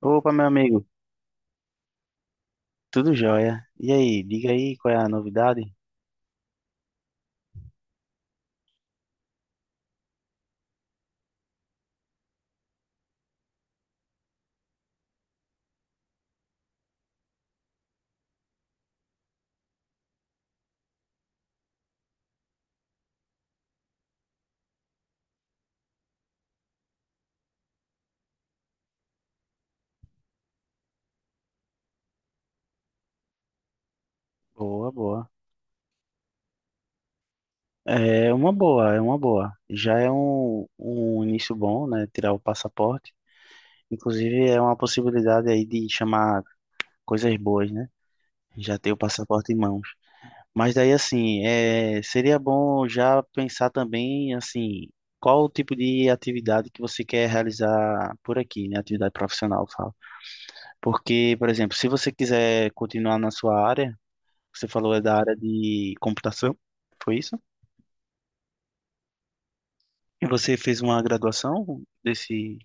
Opa, meu amigo, tudo jóia? E aí, diga aí qual é a novidade? Boa, boa. É uma boa, é uma boa. Já é um início bom, né? Tirar o passaporte. Inclusive, é uma possibilidade aí de chamar coisas boas, né? Já ter o passaporte em mãos. Mas daí, assim, é, seria bom já pensar também, assim, qual o tipo de atividade que você quer realizar por aqui, né? Atividade profissional, eu falo. Porque, por exemplo, se você quiser continuar na sua área, você falou é da área de computação, foi isso? E você fez uma graduação desse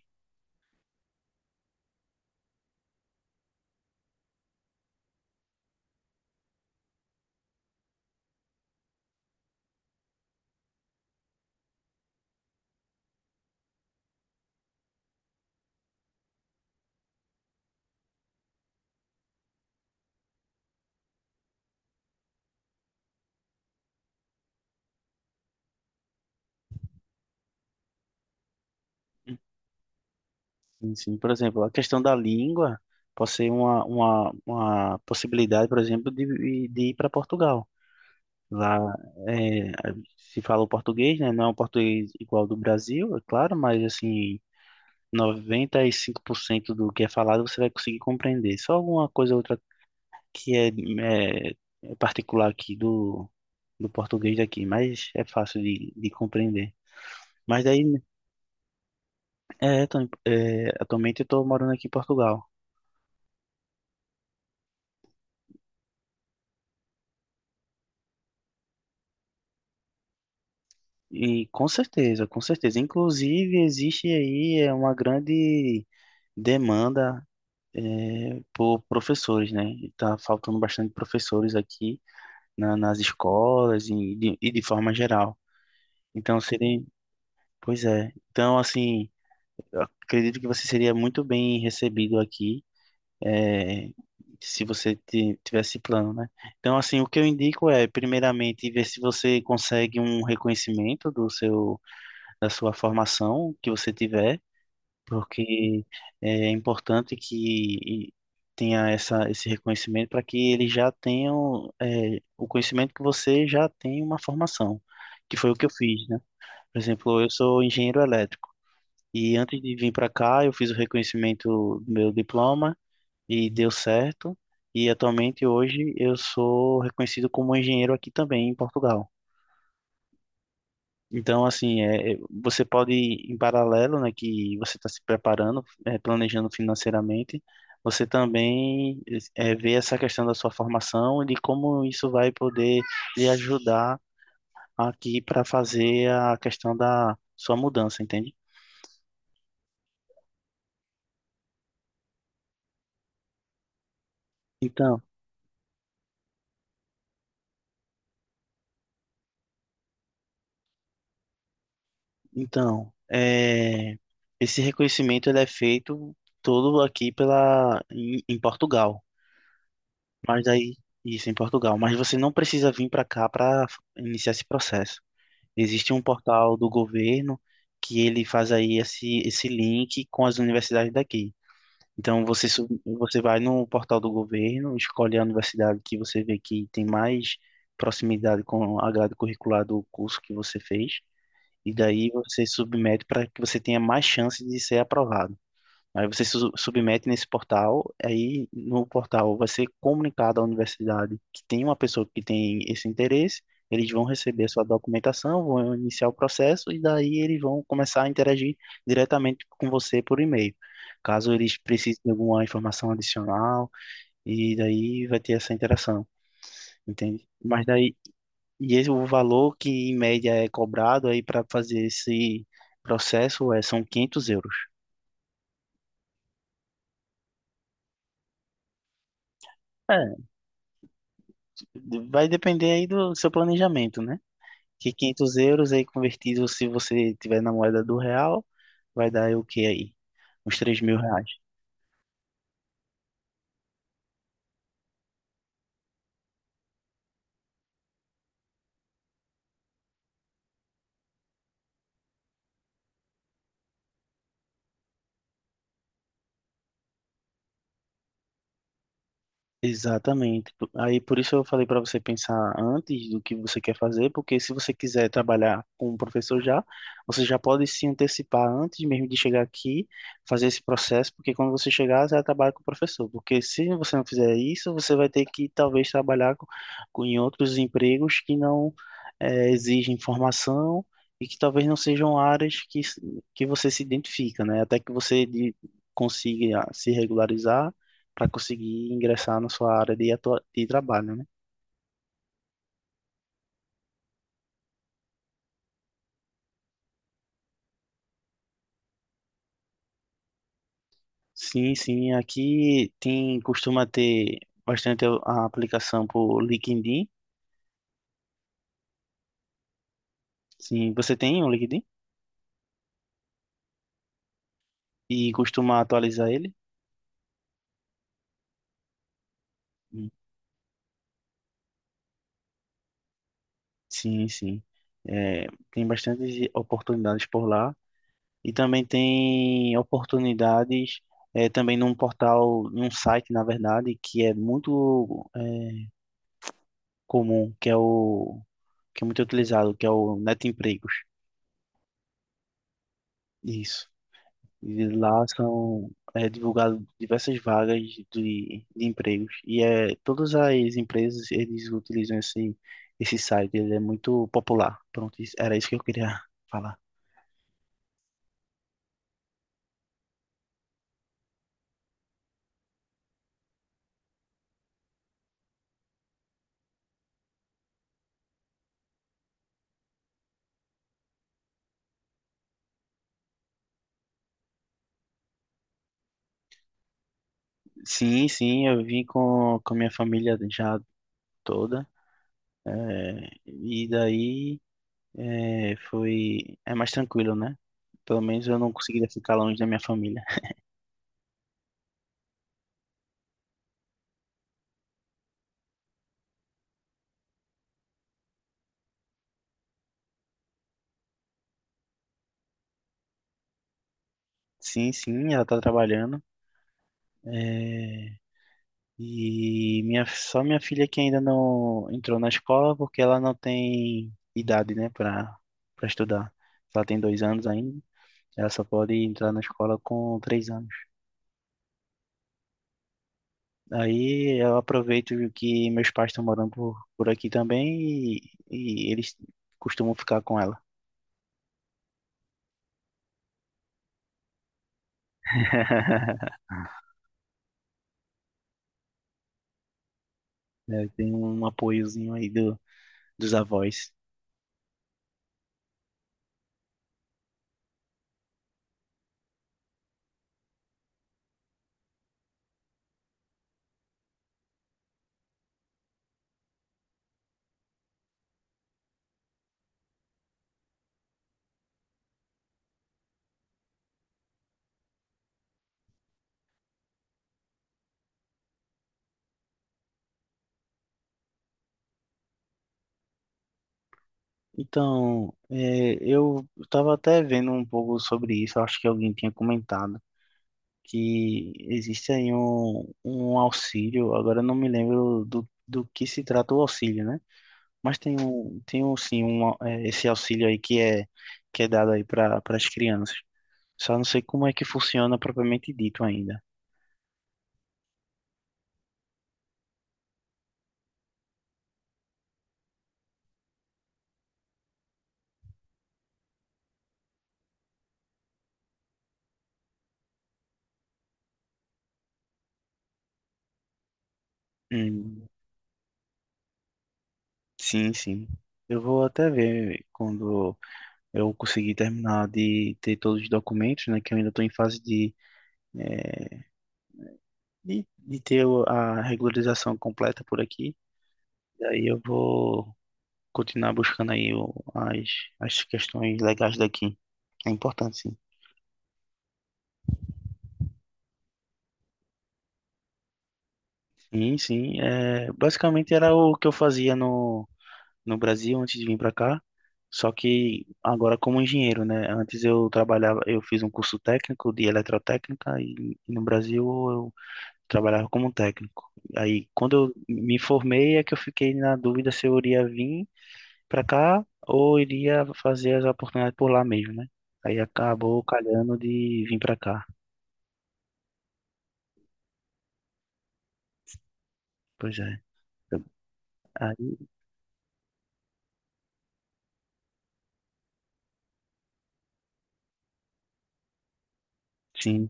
ensino? Por exemplo, a questão da língua pode ser uma, uma possibilidade, por exemplo, de ir para Portugal. Lá é, se fala o português, né? Não é um português igual ao do Brasil, é claro, mas assim, 95% do que é falado você vai conseguir compreender. Só alguma coisa ou outra que é, é, é particular aqui do, do português daqui, mas é fácil de compreender. Mas daí, é, Tony, é, atualmente eu estou morando aqui em Portugal. E com certeza, com certeza. Inclusive, existe aí é, uma grande demanda é, por professores, né? Está faltando bastante professores aqui nas escolas e de forma geral. Então, seria... Pois é. Então, assim, eu acredito que você seria muito bem recebido aqui é, se você tivesse plano, né? Então, assim, o que eu indico é, primeiramente, ver se você consegue um reconhecimento do seu, da sua formação que você tiver, porque é importante que tenha essa, esse reconhecimento para que eles já tenham é, o conhecimento que você já tem uma formação, que foi o que eu fiz, né? Por exemplo, eu sou engenheiro elétrico. E antes de vir para cá, eu fiz o reconhecimento do meu diploma, e deu certo. E atualmente hoje eu sou reconhecido como engenheiro aqui também em Portugal. Então, assim, é, é, você pode, em paralelo, né, que você está se preparando, é, planejando financeiramente, você também é, vê essa questão da sua formação e de como isso vai poder lhe ajudar aqui para fazer a questão da sua mudança, entende? Então, então, é, esse reconhecimento ele é feito todo aqui pela em Portugal, mas daí isso em Portugal, mas você não precisa vir para cá para iniciar esse processo. Existe um portal do governo que ele faz aí esse link com as universidades daqui. Então você você vai no portal do governo, escolhe a universidade que você vê que tem mais proximidade com a grade curricular do curso que você fez e daí você submete para que você tenha mais chance de ser aprovado. Aí você su submete nesse portal, aí no portal vai ser comunicado à universidade que tem uma pessoa que tem esse interesse, eles vão receber a sua documentação, vão iniciar o processo e daí eles vão começar a interagir diretamente com você por e-mail. Caso eles precisem de alguma informação adicional, e daí vai ter essa interação, entende? Mas daí e esse, o valor que em média é cobrado aí para fazer esse processo é, são 500 euros. É, vai depender aí do seu planejamento, né? Que 500 euros aí convertido, se você tiver na moeda do real, vai dar aí o que aí? Uns 3.000 reais. Exatamente. Aí por isso eu falei para você pensar antes do que você quer fazer, porque se você quiser trabalhar com o professor já, você já pode se antecipar antes mesmo de chegar aqui, fazer esse processo, porque quando você chegar, você já trabalha com o professor. Porque se você não fizer isso, você vai ter que talvez trabalhar com, em outros empregos que não exigem formação e que talvez não sejam áreas que, que você se identifica, né? Até que você consiga se regularizar para conseguir ingressar na sua área de, de trabalho, né? Sim, sim, aqui tem costuma ter bastante a aplicação por LinkedIn. Sim, você tem um LinkedIn e costuma atualizar ele? Hum. Sim, sim. É, tem bastantes oportunidades por lá e também tem oportunidades é, também num portal, num site, na verdade, que é muito é, comum, que é o que é muito utilizado, que é o Net Empregos. Isso. E lá são é, divulgadas diversas vagas de empregos. E é, todas as empresas, eles utilizam esse, esse site, ele é muito popular. Pronto, era isso que eu queria falar. Sim, sim, eu vim com a minha família já toda. É, e daí é, foi... É mais tranquilo, né? Pelo menos eu não conseguiria ficar longe da minha família. Sim, sim, ela tá trabalhando. É, e minha, só minha filha que ainda não entrou na escola porque ela não tem idade, né, para para estudar. Ela tem 2 anos ainda. Ela só pode entrar na escola com 3 anos. Aí eu aproveito que meus pais estão morando por aqui também e eles costumam ficar com ela. É, tem um apoiozinho aí do, dos avós. Então, é, eu estava até vendo um pouco sobre isso, acho que alguém tinha comentado que existe aí um auxílio, agora eu não me lembro do, do que se trata o auxílio, né? Mas tem um, sim, um, é, esse auxílio aí que é dado aí para as crianças. Só não sei como é que funciona propriamente dito ainda. Hum, sim, sim. Eu vou até ver quando eu conseguir terminar de ter todos os documentos, né? Que eu ainda estou em fase de ter a regularização completa por aqui. Daí eu vou continuar buscando aí as, as questões legais daqui. É importante, sim. Sim, sim. É, basicamente era o que eu fazia no, no Brasil antes de vir para cá. Só que agora como engenheiro, né? Antes eu trabalhava, eu fiz um curso técnico de eletrotécnica e no Brasil eu trabalhava como técnico. Aí quando eu me formei é que eu fiquei na dúvida se eu iria vir para cá ou iria fazer as oportunidades por lá mesmo, né? Aí acabou calhando de vir para cá. Pois é. Aí, sim,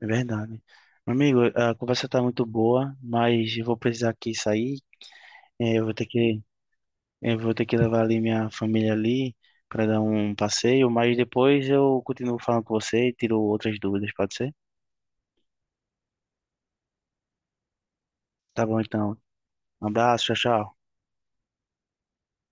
é verdade. Meu amigo, a conversa tá muito boa, mas eu vou precisar aqui sair. É, eu vou ter que, eu vou ter que levar ali minha família ali para dar um passeio, mas depois eu continuo falando com você e tiro outras dúvidas, pode ser? Tá bom, então. Um abraço, tchau, tchau.